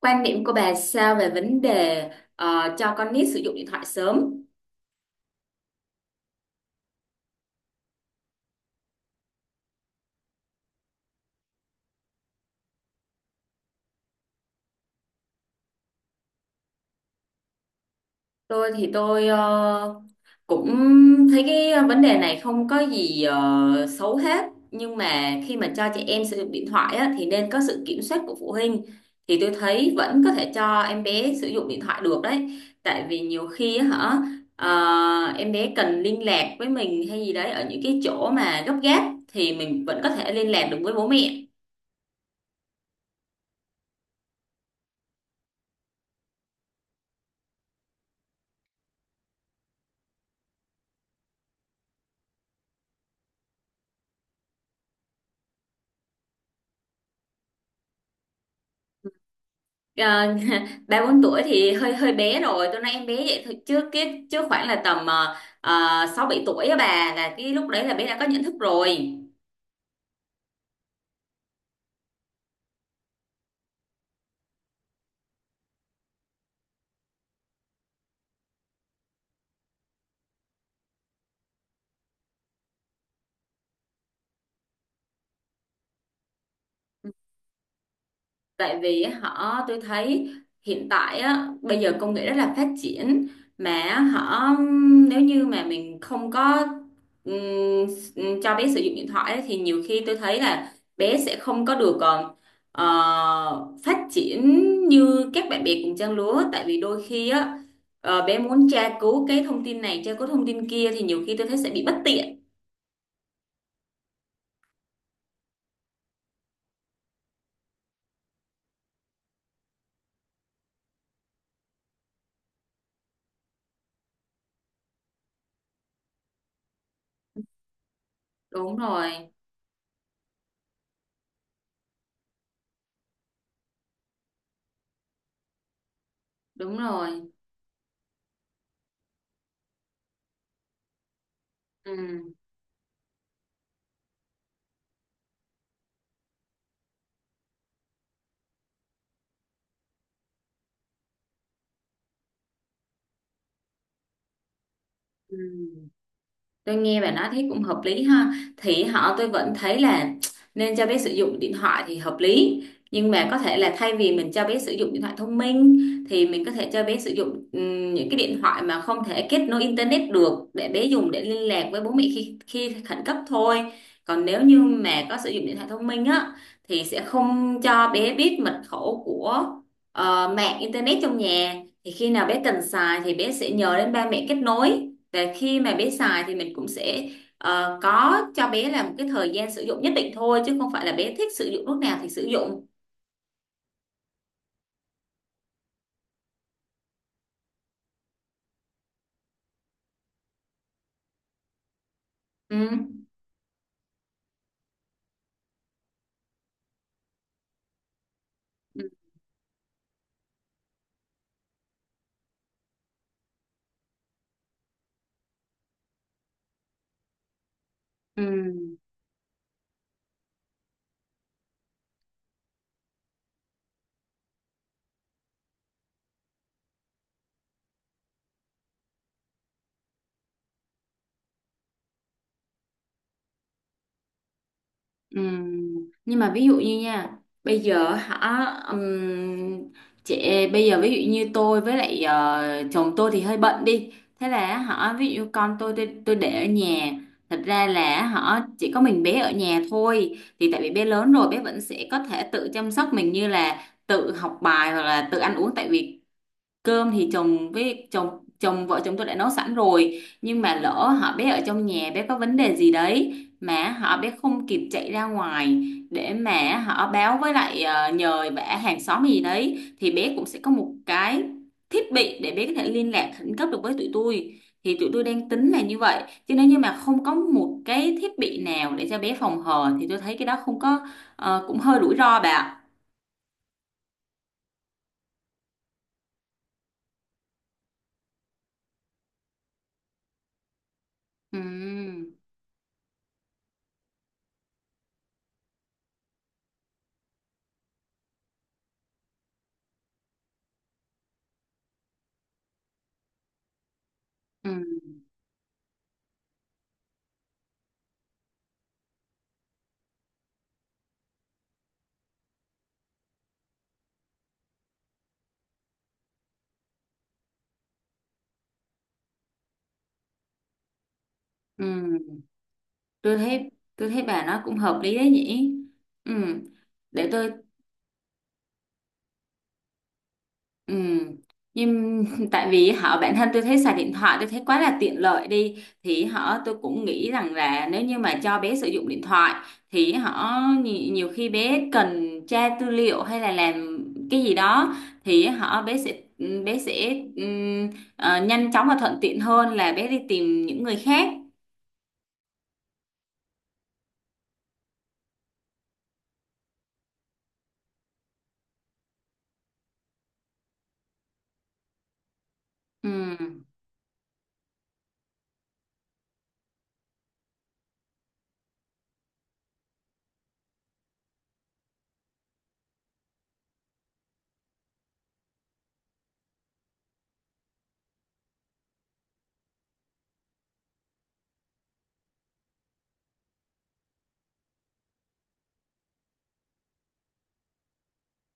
Quan điểm của bà sao về vấn đề cho con nít sử dụng điện thoại sớm? Tôi thì tôi cũng thấy cái vấn đề này không có gì xấu hết, nhưng mà khi mà cho trẻ em sử dụng điện thoại á, thì nên có sự kiểm soát của phụ huynh. Thì tôi thấy vẫn có thể cho em bé sử dụng điện thoại được đấy, tại vì nhiều khi á hả, em bé cần liên lạc với mình hay gì đấy ở những cái chỗ mà gấp gáp, thì mình vẫn có thể liên lạc được với bố mẹ. Ờ, ba bốn tuổi thì hơi hơi bé rồi, tôi nói em bé vậy thôi, chứ khoảng là tầm sáu bảy tuổi á bà, là cái lúc đấy là bé đã có nhận thức rồi. Tại vì họ tôi thấy hiện tại á, bây giờ công nghệ rất là phát triển, mà họ nếu như mà mình không có ừm, cho bé sử dụng điện thoại ấy, thì nhiều khi tôi thấy là bé sẽ không có được phát triển như các bạn bè cùng trang lứa, tại vì đôi khi á bé muốn tra cứu cái thông tin này, tra cứu thông tin kia thì nhiều khi tôi thấy sẽ bị bất tiện. Đúng rồi. Đúng rồi. Ừ. Ừ. Tôi nghe bạn nói thấy cũng hợp lý ha. Thì họ tôi vẫn thấy là nên cho bé sử dụng điện thoại thì hợp lý. Nhưng mà có thể là thay vì mình cho bé sử dụng điện thoại thông minh, thì mình có thể cho bé sử dụng những cái điện thoại mà không thể kết nối internet được, để bé dùng để liên lạc với bố mẹ khi khẩn cấp thôi. Còn nếu như mà có sử dụng điện thoại thông minh á, thì sẽ không cho bé biết mật khẩu của mạng internet trong nhà. Thì khi nào bé cần xài thì bé sẽ nhờ đến ba mẹ kết nối, để khi mà bé xài thì mình cũng sẽ có cho bé là một cái thời gian sử dụng nhất định thôi, chứ không phải là bé thích sử dụng lúc nào thì sử dụng. Ừ. Ừ. Ừ. Nhưng mà ví dụ như nha, bây giờ hả, chị bây giờ ví dụ như tôi với lại chồng tôi thì hơi bận đi, thế là hả ví dụ con tôi tôi để ở nhà, thật ra là hả chỉ có mình bé ở nhà thôi, thì tại vì bé lớn rồi bé vẫn sẽ có thể tự chăm sóc mình như là tự học bài hoặc là tự ăn uống, tại vì cơm thì chồng với chồng chồng vợ chồng tôi đã nấu sẵn rồi, nhưng mà lỡ họ bé ở trong nhà bé có vấn đề gì đấy mà họ bé không kịp chạy ra ngoài để mà họ báo với lại nhờ vả hàng xóm gì đấy, thì bé cũng sẽ có một cái thiết bị để bé có thể liên lạc khẩn cấp được với tụi tôi, thì tụi tôi đang tính là như vậy, chứ nếu như mà không có một cái thiết bị nào để cho bé phòng hờ thì tôi thấy cái đó không có cũng hơi rủi ro bà ạ. Ừ. Ừ. Ừ. Tôi thấy bà nói cũng hợp lý đấy nhỉ. Ừ. Để tôi. Ừ. Nhưng tại vì họ bản thân tôi thấy xài điện thoại, tôi thấy quá là tiện lợi đi, thì họ tôi cũng nghĩ rằng là nếu như mà cho bé sử dụng điện thoại thì họ nhiều khi bé cần tra tư liệu hay là làm cái gì đó, thì họ bé sẽ bé sẽ ừm, nhanh chóng và thuận tiện hơn là bé đi tìm những người khác. Ừ.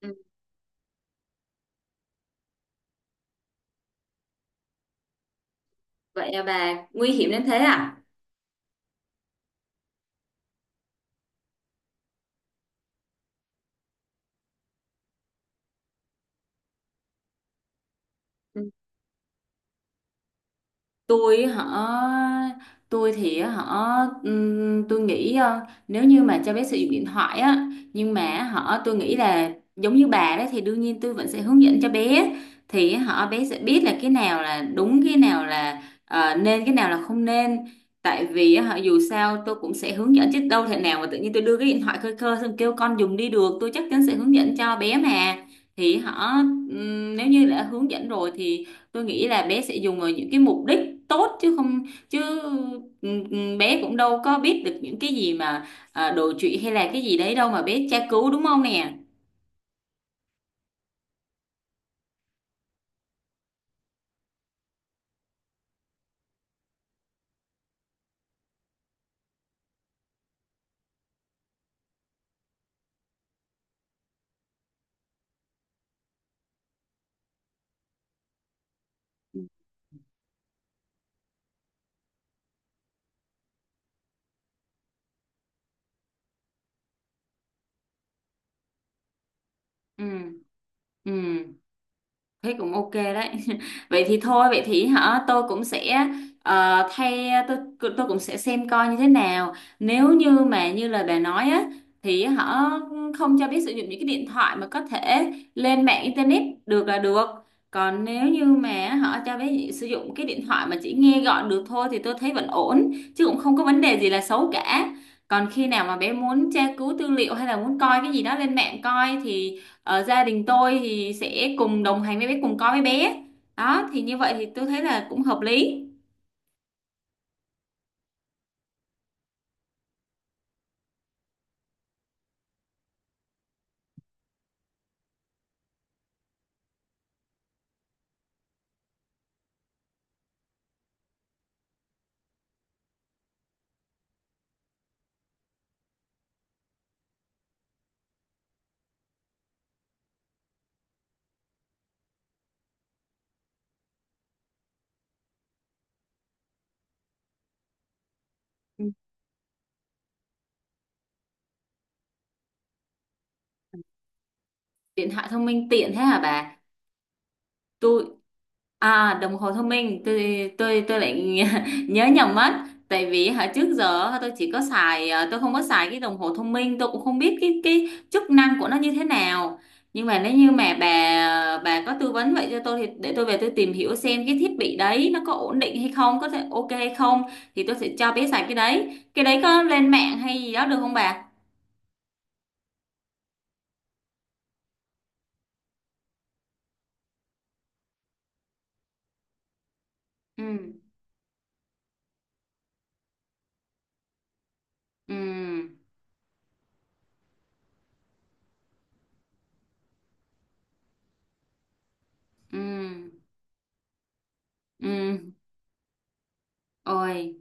Ừ, vậy à bà, nguy hiểm đến thế à? Tôi họ tôi thì họ tôi nghĩ nếu như mà cho bé sử dụng điện thoại á, nhưng mà họ tôi nghĩ là giống như bà đấy, thì đương nhiên tôi vẫn sẽ hướng dẫn cho bé, thì họ bé sẽ biết là cái nào là đúng, cái nào là nên, cái nào là không nên. Tại vì họ dù sao tôi cũng sẽ hướng dẫn chứ, đâu thể nào mà tự nhiên tôi đưa cái điện thoại khơi khơi xong kêu con dùng đi được, tôi chắc chắn sẽ hướng dẫn cho bé mà. Thì họ nếu như đã hướng dẫn rồi thì tôi nghĩ là bé sẽ dùng vào những cái mục đích tốt, chứ không. chứ Bé cũng đâu có biết được những cái gì mà à, đồi trụy hay là cái gì đấy đâu mà bé tra cứu, đúng không nè? Ừ. Ừ. Thế cũng ok đấy. Vậy thì thôi, vậy thì hả, tôi cũng sẽ thay tôi cũng sẽ xem coi như thế nào. Nếu như mà như lời bà nói á thì họ không cho biết sử dụng những cái điện thoại mà có thể lên mạng internet được là được. Còn nếu như mà họ cho biết sử dụng cái điện thoại mà chỉ nghe gọi được thôi thì tôi thấy vẫn ổn, chứ cũng không có vấn đề gì là xấu cả. Còn khi nào mà bé muốn tra cứu tư liệu hay là muốn coi cái gì đó lên mạng coi thì ở gia đình tôi thì sẽ cùng đồng hành với bé, cùng coi với bé, đó thì như vậy thì tôi thấy là cũng hợp lý. Ừ. Điện thoại thông minh tiện thế hả bà? Tôi. À, đồng hồ thông minh tôi lại nhớ nhầm mất, tại vì hồi trước giờ tôi chỉ có xài à, tôi không có xài cái đồng hồ thông minh, tôi cũng không biết cái chức năng của nó như thế nào. Nhưng mà nếu như mà bà có tư vấn vậy cho tôi thì để tôi về tôi tìm hiểu xem cái thiết bị đấy nó có ổn định hay không, có thể ok hay không, thì tôi sẽ cho bé xài cái đấy. Cái đấy có lên mạng hay gì đó được không bà? Ừ. Ừ. Ừ. Ừ. Ôi.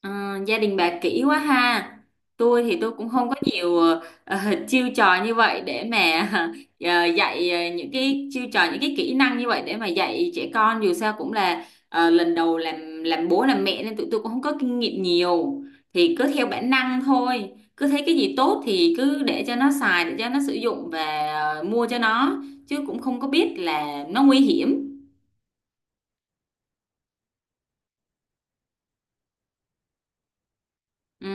Ờ, gia đình bà kỹ quá ha. Tôi thì tôi cũng không có nhiều ờ, chiêu trò như vậy để mà dạy những cái chiêu trò, những cái kỹ năng như vậy để mà dạy trẻ con, dù sao cũng là lần đầu làm bố làm mẹ nên tụi tôi cũng không có kinh nghiệm nhiều. Thì cứ theo bản năng thôi. Cứ thấy cái gì tốt thì cứ để cho nó xài, để cho nó sử dụng, và mua cho nó, chứ cũng không có biết là nó nguy hiểm. Ừ.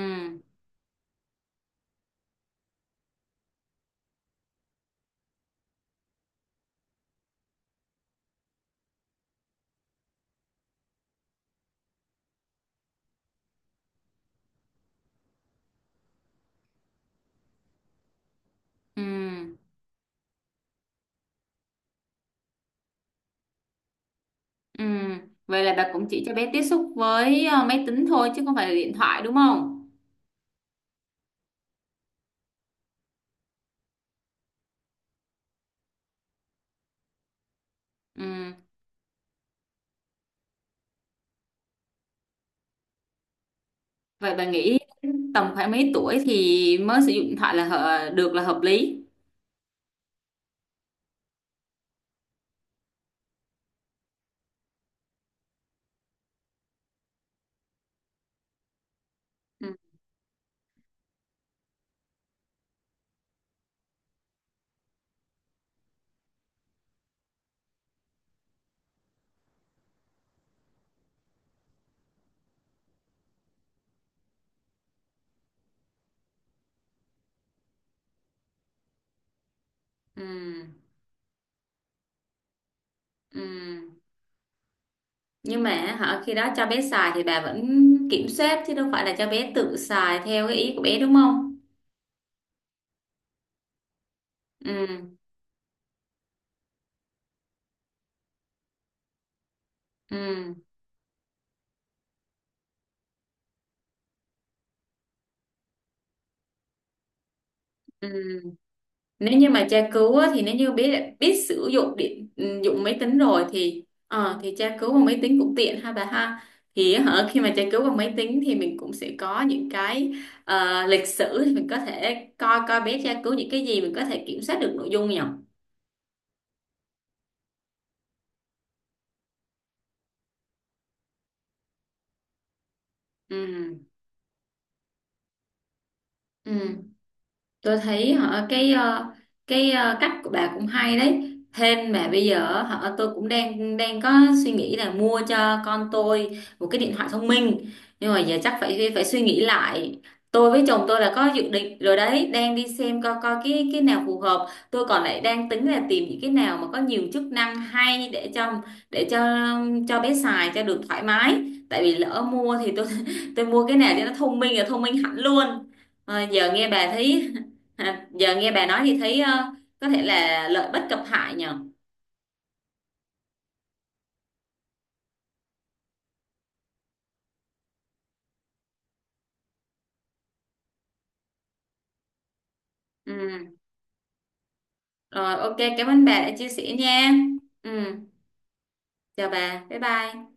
Ừ. Ừ. Vậy là bà cũng chỉ cho bé tiếp xúc với máy tính thôi chứ không phải là điện thoại, đúng không? Ừ. Vậy bà nghĩ tầm khoảng mấy tuổi thì mới sử dụng điện thoại là được, là hợp lý? Ừ. Ừ. Ừ. Nhưng mà họ khi đó cho bé xài thì bà vẫn kiểm soát chứ, đâu phải là cho bé tự xài theo cái ý của bé đúng không? Ừ. Ừ. Ừ. Nếu như mà tra cứu á, thì nếu như biết biết sử dụng điện dụng máy tính rồi thì thì tra cứu bằng máy tính cũng tiện ha bà ha. Thì hả khi mà tra cứu bằng máy tính thì mình cũng sẽ có những cái lịch sử, thì mình có thể coi coi bé tra cứu những cái gì, mình có thể kiểm soát được nội dung nhỉ. Ừ. Ừ. Tôi thấy họ cái cách của bà cũng hay đấy, thêm mà bây giờ họ tôi cũng đang đang có suy nghĩ là mua cho con tôi một cái điện thoại thông minh, nhưng mà giờ chắc phải phải suy nghĩ lại. Tôi với chồng tôi là có dự định rồi đấy, đang đi xem coi coi cái nào phù hợp, tôi còn lại đang tính là tìm những cái nào mà có nhiều chức năng hay để cho để cho bé xài cho được thoải mái, tại vì lỡ mua thì tôi tôi mua cái nào cho nó thông minh là thông minh hẳn luôn. Ờ, giờ nghe bà thấy. À, giờ nghe bà nói thì thấy có thể là lợi bất cập hại nhờ. Ừ. Rồi ok, cảm ơn bà đã chia sẻ nha. Ừ. Chào bà, bye bye.